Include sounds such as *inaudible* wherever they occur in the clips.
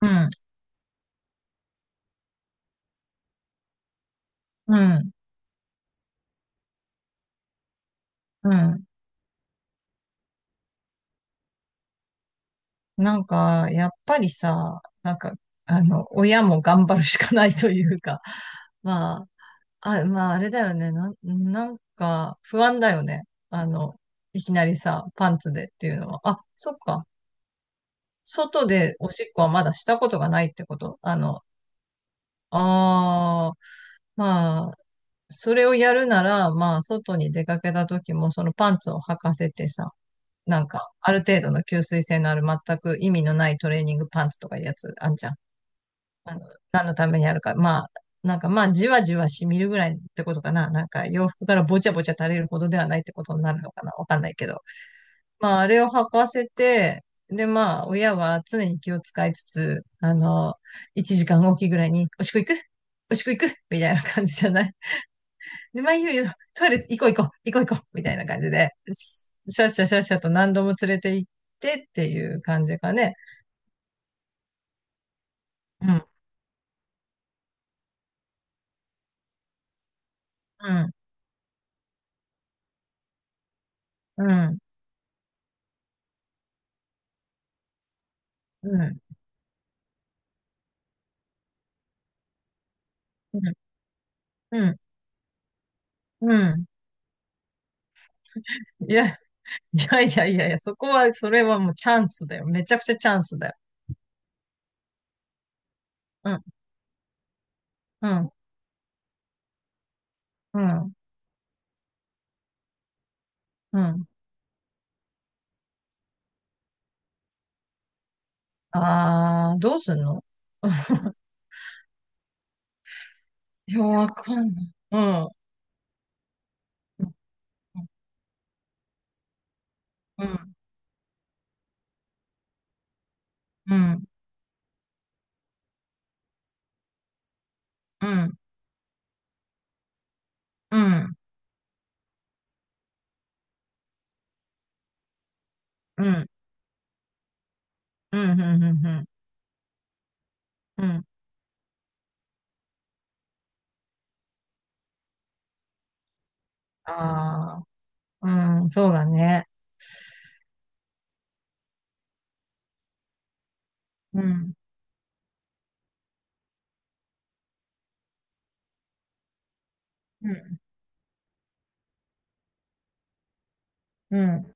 うん、うん、うん。やっぱりさ、親も頑張るしかないというか、*laughs* まあれだよね。不安だよね。あの、いきなりさ、パンツでっていうのは。あ、そっか。外でおしっこはまだしたことがないってことああ、まあ、それをやるなら、まあ、外に出かけた時も、そのパンツを履かせてさ、なんか、ある程度の吸水性のある全く意味のないトレーニングパンツとかいうやつあんじゃん。あの、何のためにあるか。なんかまあ、じわじわ染みるぐらいってことかな。なんか、洋服からぼちゃぼちゃ垂れるほどではないってことになるのかな。わかんないけど。まあ、あれを履かせて、で、まあ、親は常に気を使いつつ、1時間おきぐらいに、おしっこ行くみたいな感じじゃない？で、まあ、いいよいいよ、トイレ行こう行こう、行こう行こう、みたいな感じで、ししゃしゃしゃしゃと何度も連れて行ってっていう感じかね。うん、うん、うん、うん、うん、うん。いやいやいやいやいや、そこは、それはもうチャンスだよ。めちゃくちゃチャンスだよ。うん、うん、うん、うん。あー、どうすんの？ *laughs* いや、わかんない。うん、うん、うん、うん、うん、うん、うん、うん、うん、うん。うん、ああ、うん、そうだね。うん、うん、うん。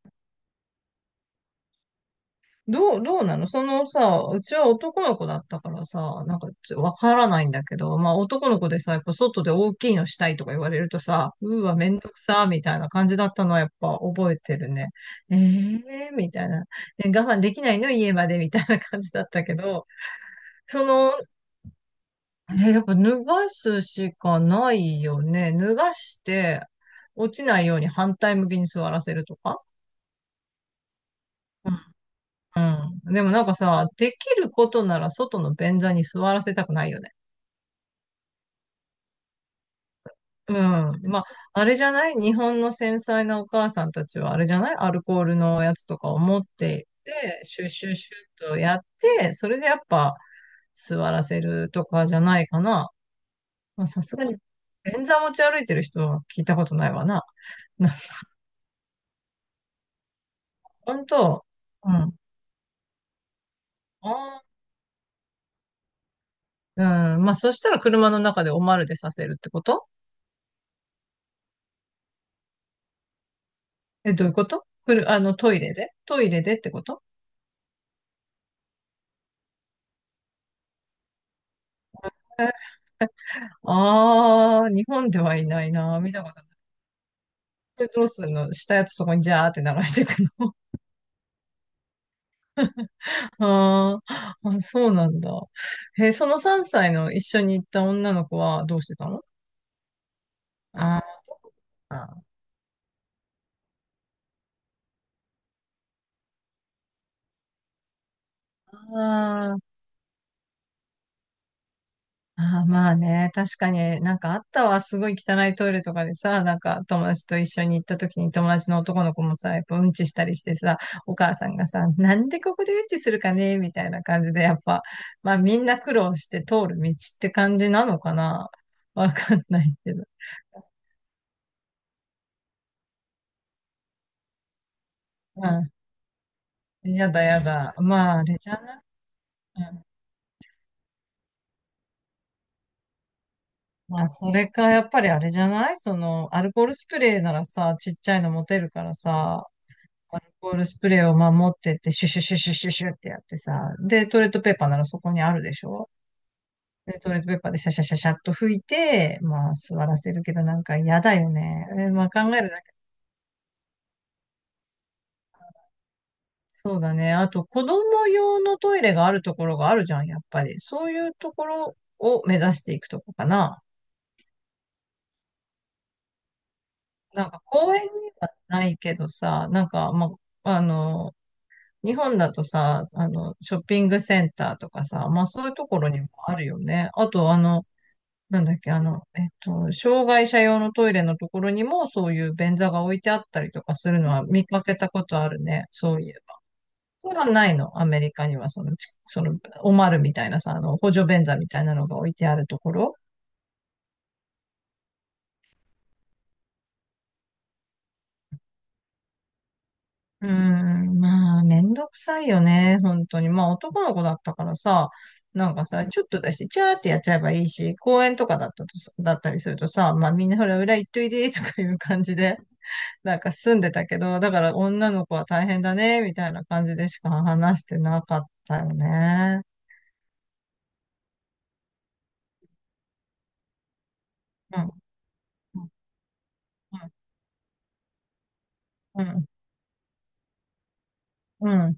どうなのそのさ、うちは男の子だったからさ、なんかわからないんだけど、まあ男の子でさ、やっぱ外で大きいのしたいとか言われるとさ、うーわ、めんどくさー、みたいな感じだったのはやっぱ覚えてるね。ええー、みたいな。え、我慢できないの家まで、みたいな感じだったけど、その、やっぱ脱がすしかないよね。脱がして、落ちないように反対向きに座らせるとか。うん。でもなんかさ、できることなら外の便座に座らせたくないよね。うん。まあ、あれじゃない？日本の繊細なお母さんたちはあれじゃない？アルコールのやつとかを持っていって、シュッシュッシュッとやって、それでやっぱ座らせるとかじゃないかな。まあ、さすがに、便座持ち歩いてる人は聞いたことないわな。な、本当？うん。あー、うん。まあ、そしたら車の中でおまるでさせるってこと？え、どういうこと？くる、あの、トイレで、トイレでってこと？ああー、日本ではいないな。見たことない。で、どうすんの？したやつそこにジャーって流していくの？ *laughs* あーあ、そうなんだ。え、その3歳の一緒に行った女の子はどうしてたの？あー、あああ、まあね、確かになんかあったわ、すごい汚いトイレとかでさ、なんか友達と一緒に行った時に友達の男の子もさ、やっぱうんちしたりしてさ、お母さんがさ、なんでここでうんちするかねみたいな感じで、やっぱ、まあみんな苦労して通る道って感じなのかな。わかんないけど。うん。やだやだ。まああれじゃない、うん、まあそれか、やっぱりあれじゃない？その、アルコールスプレーならさ、ちっちゃいの持てるからさ、アルコールスプレーを守ってって、シュシュシュシュシュシュってやってさ、で、トイレットペーパーならそこにあるでしょ？で、トイレットペーパーでシャシャシャシャっと拭いて、まあ、座らせるけど、なんか嫌だよね。え、まあ、考えるだけ。そうだね。あと、子供用のトイレがあるところがあるじゃん、やっぱり。そういうところを目指していくとこかな。なんか、公園にはないけどさ、あ、あの、日本だとさ、ショッピングセンターとかさ、まあそういうところにもあるよね。あと、あの、なんだっけ、あの、えっと、障害者用のトイレのところにもそういう便座が置いてあったりとかするのは見かけたことあるね。そういう。それはないの？アメリカにはその、おまるみたいなさ、あの、補助便座みたいなのが置いてあるところ。うーん、まあ、めんどくさいよね。本当に。まあ、男の子だったからさ、なんかさ、ちょっと出して、チャーってやっちゃえばいいし、公園とかだったとさ、だったりするとさ、まあ、みんなほら、裏行っといで、とかいう感じで、なんか住んでたけど、だから女の子は大変だね、みたいな感じでしか話してなかったよね。うん。うん。うん。うん、うん、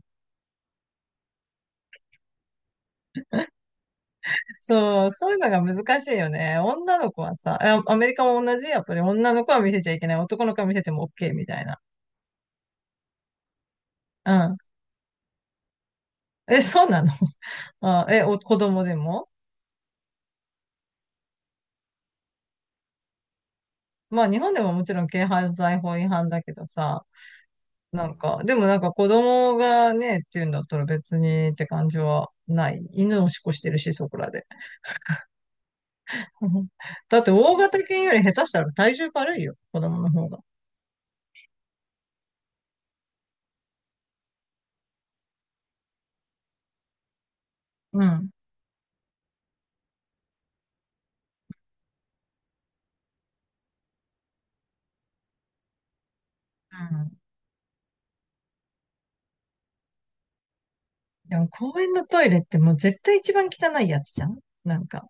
そう、そういうのが難しいよね。女の子はさ、アメリカも同じ、やっぱり女の子は見せちゃいけない。男の子は見せても OK みたいな。うん。え、そうなの？ *laughs* 子供でも？まあ日本でももちろん軽犯罪法違反だけどさ、なんか、でもなんか子供がね、っていうんだったら別にって感じはない。犬をしっこしてるし、そこらで。うん、だって大型犬より下手したら体重軽いよ、子供の方が。うん。うん、でも公園のトイレってもう絶対一番汚いやつじゃん？なんか。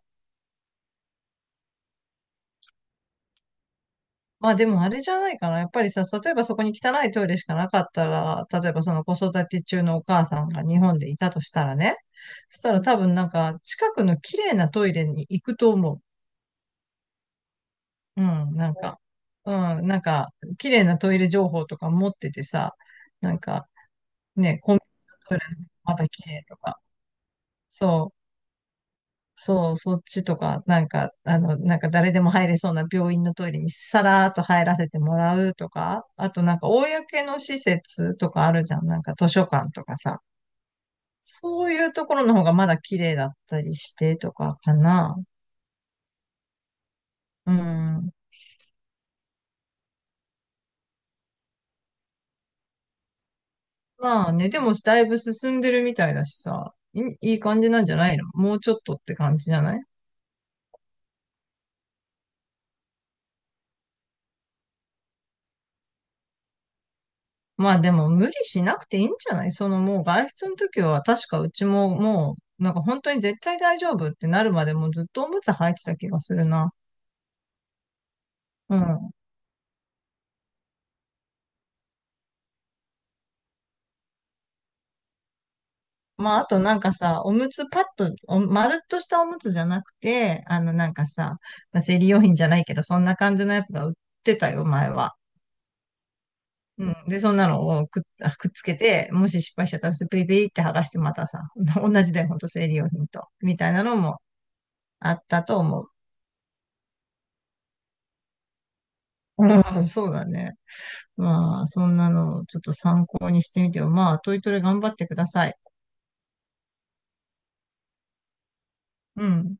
まあでもあれじゃないかな。やっぱりさ、例えばそこに汚いトイレしかなかったら、例えばその子育て中のお母さんが日本でいたとしたらね。そしたら多分なんか近くの綺麗なトイレに行くと思う。うん、なんか。うん、なんか綺麗なトイレ情報とか持っててさ、なんかね、コンビニのトイレまだ綺麗とか。そう、そう、そっちとか、なんか誰でも入れそうな病院のトイレにさらーっと入らせてもらうとか、あとなんか公の施設とかあるじゃん、なんか図書館とかさ、そういうところの方がまだ綺麗だったりしてとかかな。うん。まあね、でもだいぶ進んでるみたいだしさ、い感じなんじゃない？のもうちょっとって感じじゃない？まあでも無理しなくていいんじゃない？そのもう外出の時は確かうちももうなんか本当に絶対大丈夫ってなるまでもうずっとおむつ履いてた気がするな。うん。まああとなんかさ、おむつパッと、お丸っとしたおむつじゃなくて、あのなんかさ、まあ、生理用品じゃないけどそんな感じのやつが売ってたよ、前は。うん。で、そんなのをくっつけて、もし失敗しちゃったらスピリピリって剥がしてまたさ、*laughs* 同じだよ、ほんと生理用品と。みたいなのもあったと思う。うん、そうだね。まあ、そんなのをちょっと参考にしてみてよ。まあ、トイトレ頑張ってください。うん。